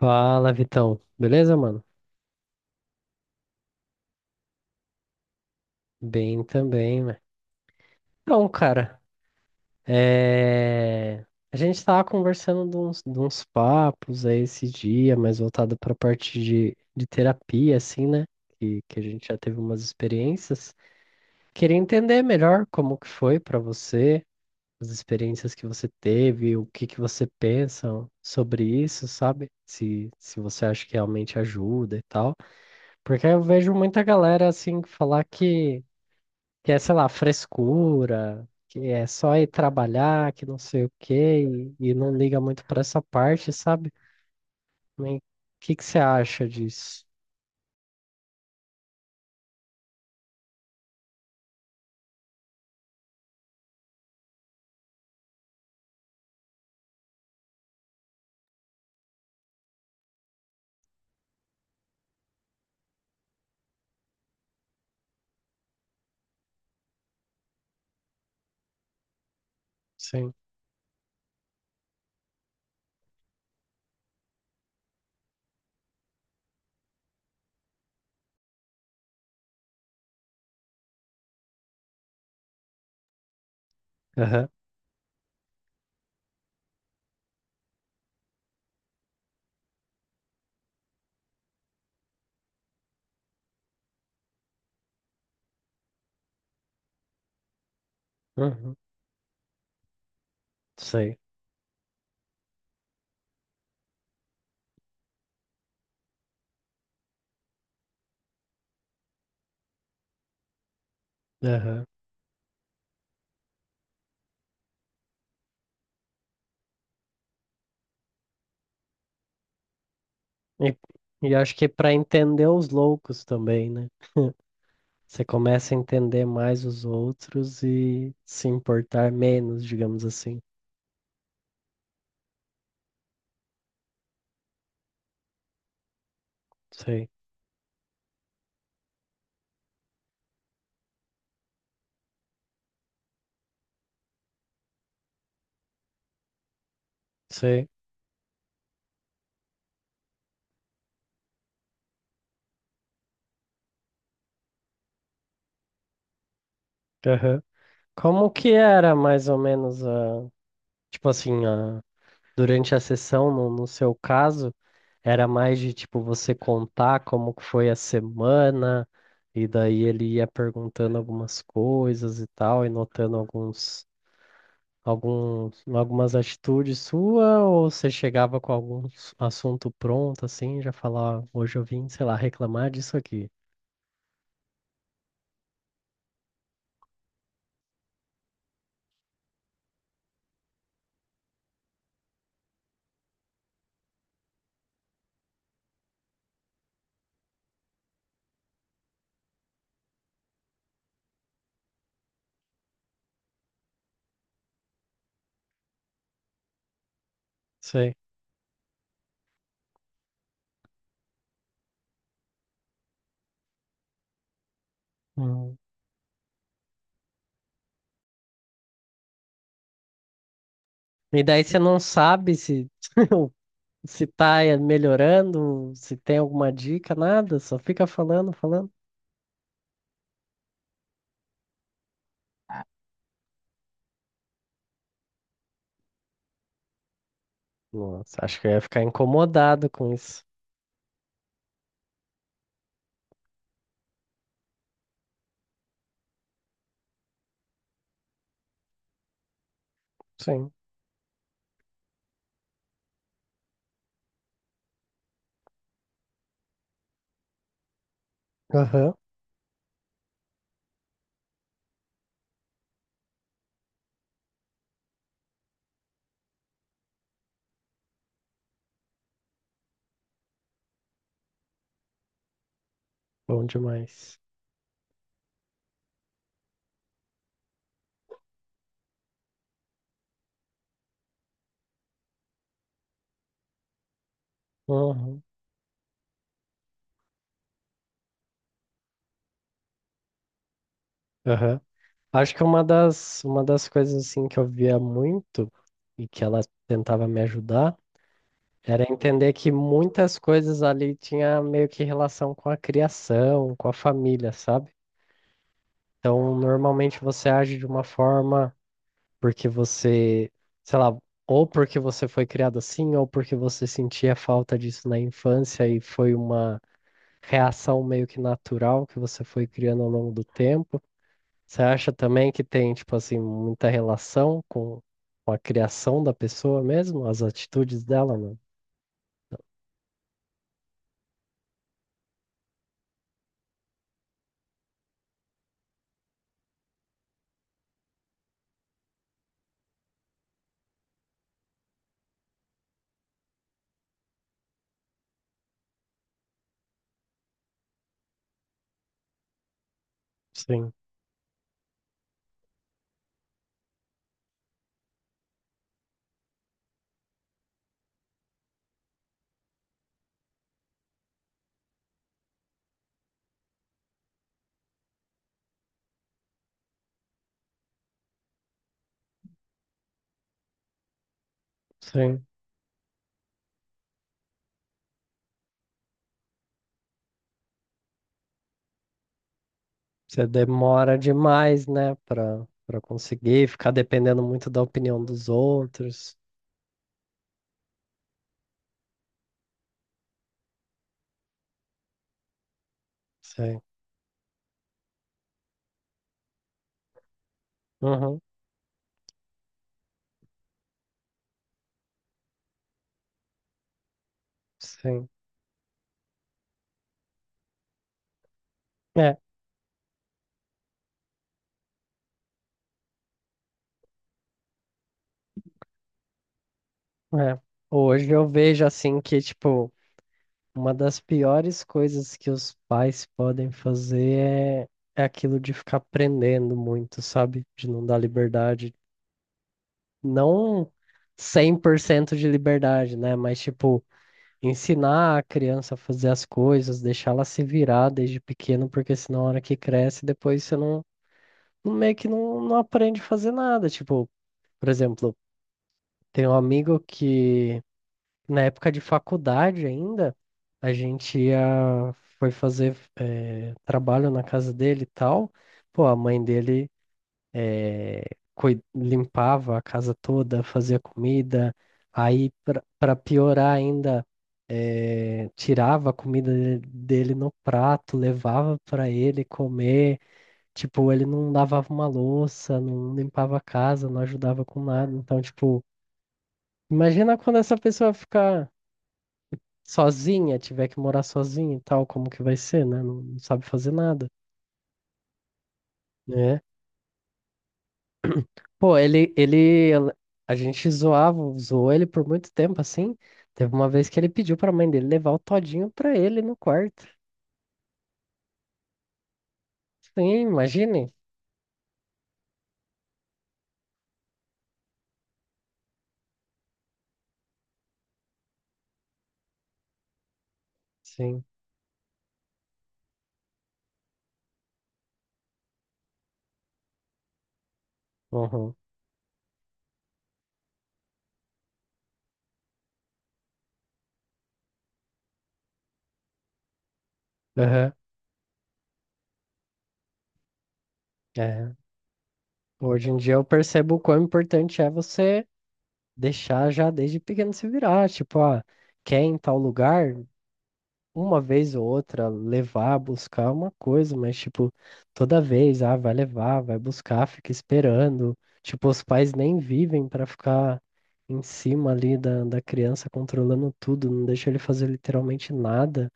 Fala, Vitão. Beleza, mano? Bem também, né? Então, cara, é... a gente tava conversando de uns papos aí esse dia, mais voltado pra parte de terapia, assim, né? Que a gente já teve umas experiências. Queria entender melhor como que foi pra você, as experiências que você teve, o que que você pensa sobre isso, sabe? Se você acha que realmente ajuda e tal. Porque eu vejo muita galera, assim, falar que é, sei lá, frescura, que é só ir trabalhar, que não sei o quê, e não liga muito pra essa parte, sabe? O que que você acha disso? Sim. Aham. Uhum. Sei. Aham. E, e acho que para entender os loucos também, né? Você começa a entender mais os outros e se importar menos, digamos assim. Sei. Sei. Aham. Como que era mais ou menos a, tipo assim, a durante a sessão, no seu caso, era mais de tipo você contar como que foi a semana, e daí ele ia perguntando algumas coisas e tal, e notando alguns, algumas atitudes sua, ou você chegava com algum assunto pronto, assim, já falava: "Ah, hoje eu vim, sei lá, reclamar disso aqui." Sei. Hum. E daí você não sabe se se tá melhorando, se tem alguma dica, nada, só fica falando, falando. Nossa, acho que eu ia ficar incomodado com isso. Sim. Aham. Bom demais. Uhum. Aham. Acho que uma das coisas assim que eu via muito e que ela tentava me ajudar era entender que muitas coisas ali tinha meio que relação com a criação, com a família, sabe? Então, normalmente você age de uma forma porque você, sei lá, ou porque você foi criado assim, ou porque você sentia falta disso na infância e foi uma reação meio que natural que você foi criando ao longo do tempo? Você acha também que tem, tipo assim, muita relação com a criação da pessoa mesmo, as atitudes dela, mano? Sim, sim. Você demora demais, né, pra conseguir ficar dependendo muito da opinião dos outros. Sim. Uhum, sim. É, é. Hoje eu vejo assim que, tipo, uma das piores coisas que os pais podem fazer é aquilo de ficar prendendo muito, sabe? De não dar liberdade. Não 100% de liberdade, né? Mas, tipo, ensinar a criança a fazer as coisas, deixar ela se virar desde pequeno, porque senão, na hora que cresce, depois você meio que não aprende a fazer nada. Tipo, por exemplo, tem um amigo que na época de faculdade ainda, a gente ia, foi fazer trabalho na casa dele e tal. Pô, a mãe dele limpava a casa toda, fazia comida. Aí, para piorar ainda, tirava a comida dele no prato, levava para ele comer. Tipo, ele não lavava uma louça, não limpava a casa, não ajudava com nada. Então, tipo, imagina quando essa pessoa ficar sozinha, tiver que morar sozinha e tal, como que vai ser, né? Não, não sabe fazer nada, né? Pô, a gente zoava, zoou ele por muito tempo, assim. Teve uma vez que ele pediu pra mãe dele levar o todinho pra ele no quarto. Sim, imagine. Sim. Uhum. Aham. É. Hoje em dia eu percebo o quão importante é você deixar já desde pequeno se virar. Tipo, ah, quer ir em tal lugar? Uma vez ou outra levar, buscar uma coisa, mas tipo, toda vez, ah, vai levar, vai buscar, fica esperando. Tipo, os pais nem vivem pra ficar em cima ali da criança controlando tudo, não deixa ele fazer literalmente nada,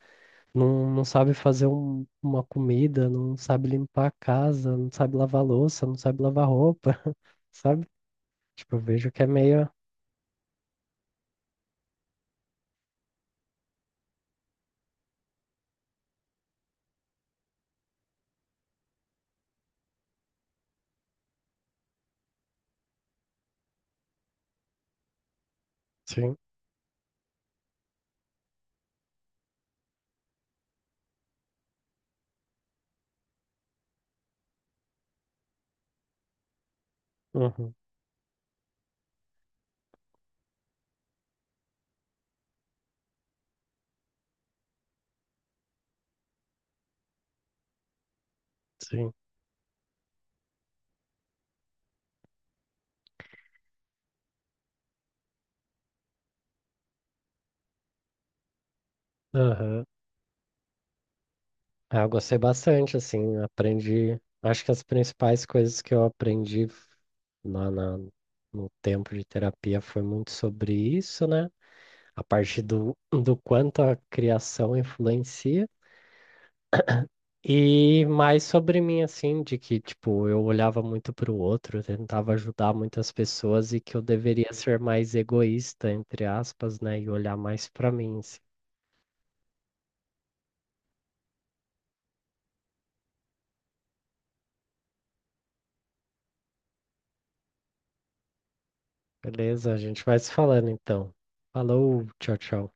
não sabe fazer uma comida, não sabe limpar a casa, não sabe lavar louça, não sabe lavar roupa, sabe? Tipo, eu vejo que é meio. Sim, uhum, sim. Aham. Ah, eu gostei bastante, assim, aprendi. Acho que as principais coisas que eu aprendi lá na, no tempo de terapia foi muito sobre isso, né? A parte do quanto a criação influencia. E mais sobre mim, assim, de que, tipo, eu olhava muito para o outro, eu tentava ajudar muitas pessoas e que eu deveria ser mais egoísta, entre aspas, né? E olhar mais para mim, assim. Beleza? A gente vai se falando, então. Falou, tchau, tchau.